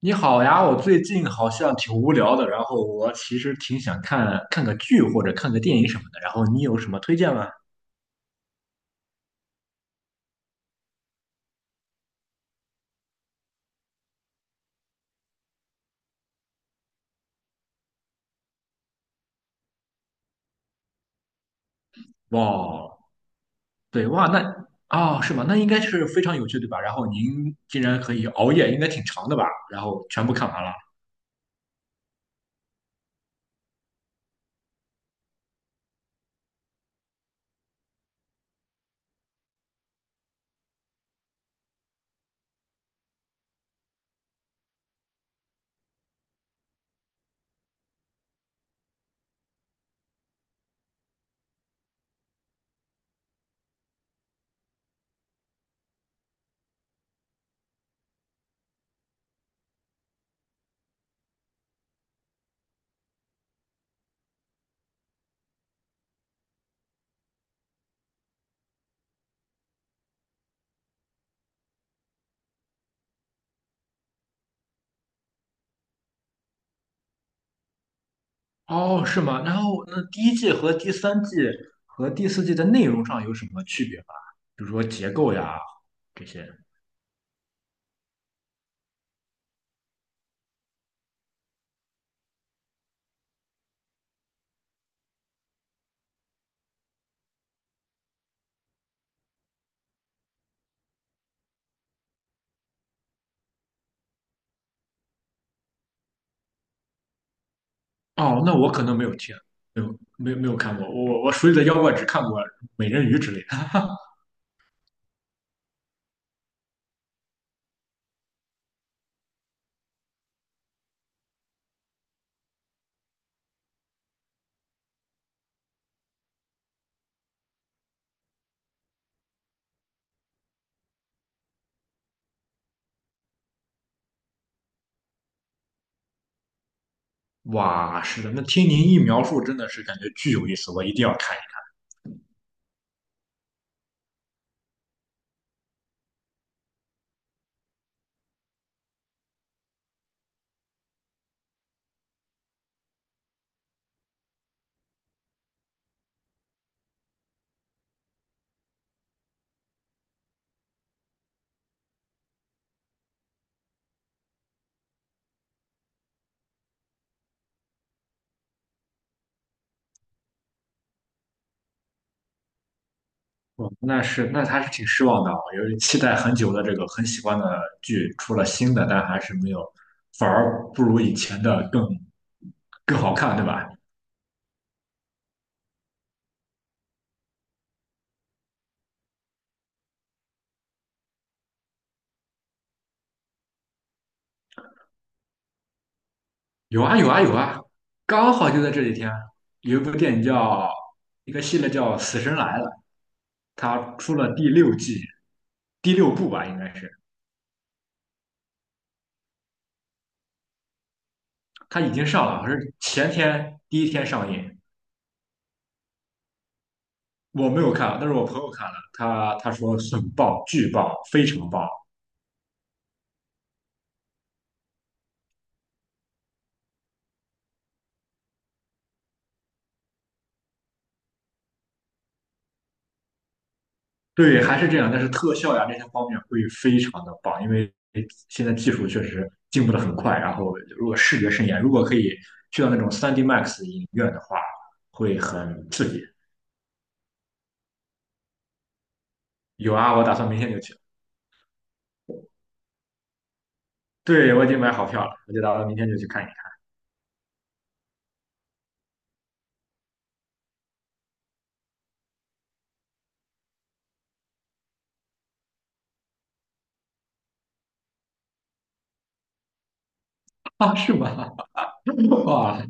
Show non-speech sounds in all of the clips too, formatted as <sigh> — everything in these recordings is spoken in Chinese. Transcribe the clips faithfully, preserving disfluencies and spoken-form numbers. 你好呀，我最近好像挺无聊的，然后我其实挺想看看个剧或者看个电影什么的，然后你有什么推荐吗？哇，对哇，那哦是吗？那应该是非常有趣对吧？然后您竟然可以熬夜，应该挺长的吧？然后全部看完了。哦，是吗？然后那第一季和第三季和第四季的内容上有什么区别吗？比如说结构呀这些。哦，那我可能没有听，没有没有没有看过，我我手里的妖怪只看过美人鱼之类的。哇，是的，那听您一描述，真的是感觉巨有意思，我一定要看一看。哦，那是，那还是挺失望的啊，由于期待很久的这个很喜欢的剧出了新的，但还是没有，反而不如以前的更更好看，对吧？有啊有啊有啊，刚好就在这几天，有一部电影叫一个系列叫《死神来了》，它出了第六季，第六部吧，应该是，它已经上了，好像是前天第一天上映。我没有看啊，但是我朋友看了，他他说很棒，巨棒，非常棒。对，还是这样，但是特效呀这些方面会非常的棒，因为现在技术确实进步的很快。然后，如果视觉盛宴，如果可以去到那种三 d Max 影院的话，会很刺激。有啊，我打算明天就去。对，我已经买好票了，我就打算明天就去看一看。<laughs> 啊，是吗？<laughs> 哇，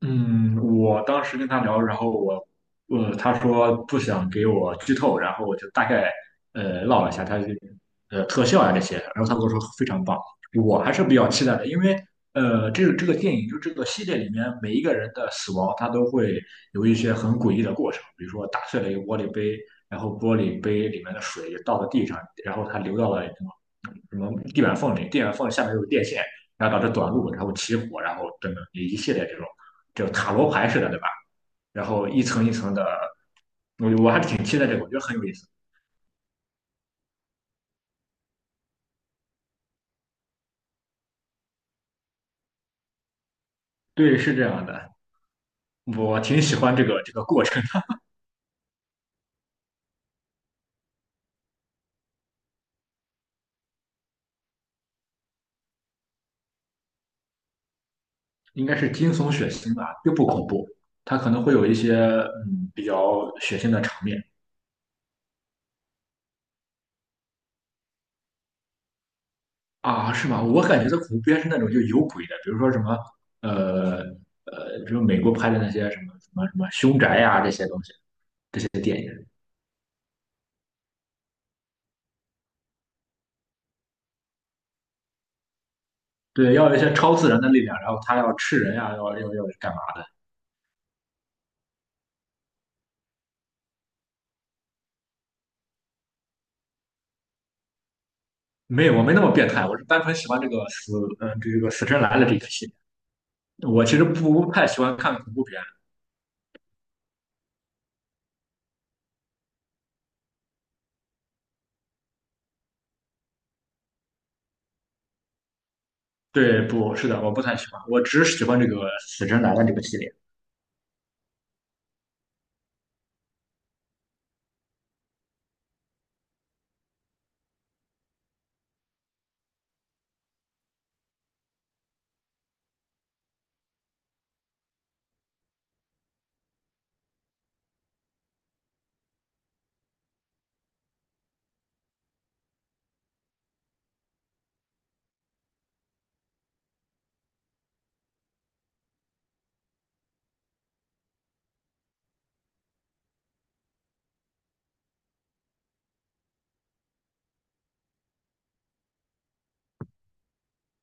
嗯，我当时跟他聊，然后我，呃，他说不想给我剧透，然后我就大概呃唠了一下他这个呃特效啊这些，然后他跟我说非常棒，我还是比较期待的，因为呃这个这个电影就这个系列里面每一个人的死亡，他都会有一些很诡异的过程，比如说打碎了一个玻璃杯，然后玻璃杯里面的水倒到地上，然后它流到了什么什么地板缝里，地板缝下面有电线，然后导致短路，然后起火，然后等等一系列这种。就塔罗牌似的，对吧？然后一层一层的，我我还挺期待这个，我觉得很有意思。对，是这样的，我挺喜欢这个这个过程，应该是惊悚血腥吧，又不恐怖，它可能会有一些嗯比较血腥的场面啊，是吗？我感觉的恐怖片是那种就有鬼的，比如说什么呃呃，比如美国拍的那些什么什么什么凶宅呀、这些东西，这些电影，对，要有一些超自然的力量，然后他要吃人呀、要要要干嘛？的。没有，我没那么变态，我是单纯喜欢这个死，嗯，这个死神来了这个系列。我其实不太喜欢看恐怖片，对，不是的，我不太喜欢，我只喜欢这个死神来了这个系列。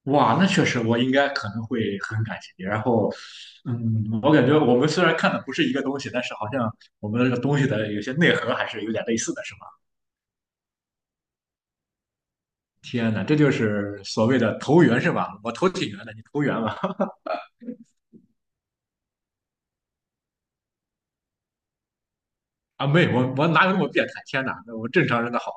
哇，那确实，我应该可能会很感兴趣。然后，嗯，我感觉我们虽然看的不是一个东西，但是好像我们这个东西的有些内核还是有点类似的，是吧？天哪，这就是所谓的投缘，是吧？我投挺缘的，你投缘吧？<laughs> 啊，没有，我我哪有那么变态？天哪，那我正常人的好。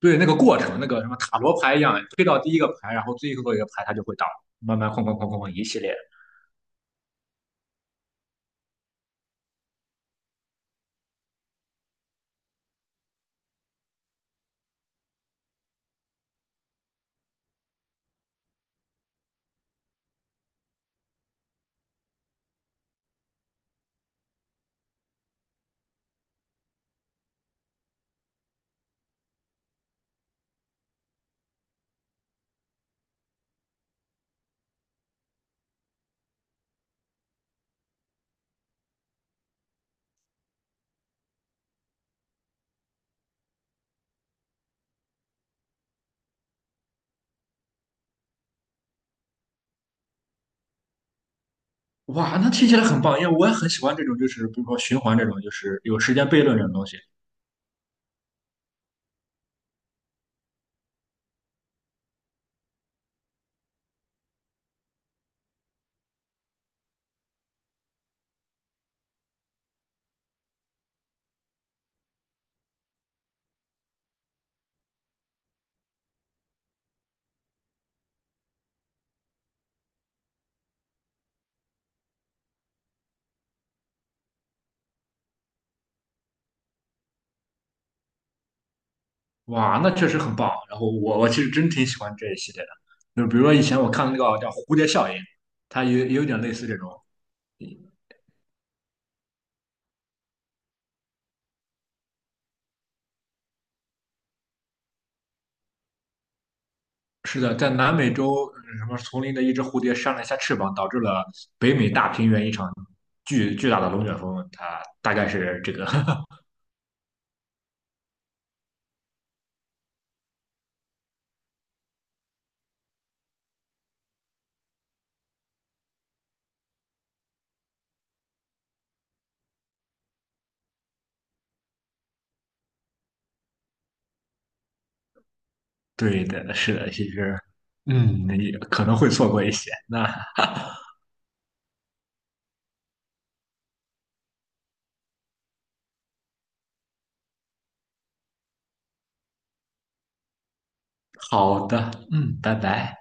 对那个过程，那个什么塔罗牌一样，推到第一个牌，然后最后一个牌它就会倒，慢慢哐哐哐哐哐一系列。哇，那听起来很棒，因为我也很喜欢这种，就是比如说循环这种，就是有时间悖论这种东西。哇，那确实很棒。然后我我其实真挺喜欢这一系列的，就比如说以前我看那个叫蝴蝶效应，它有有点类似这种。是的，在南美洲嗯什么丛林的一只蝴蝶扇了一下翅膀，导致了北美大平原一场巨巨大的龙卷风。它大概是这个 <laughs> 对的，是的，其实，嗯，也可能会错过一些。那好的，嗯，拜拜。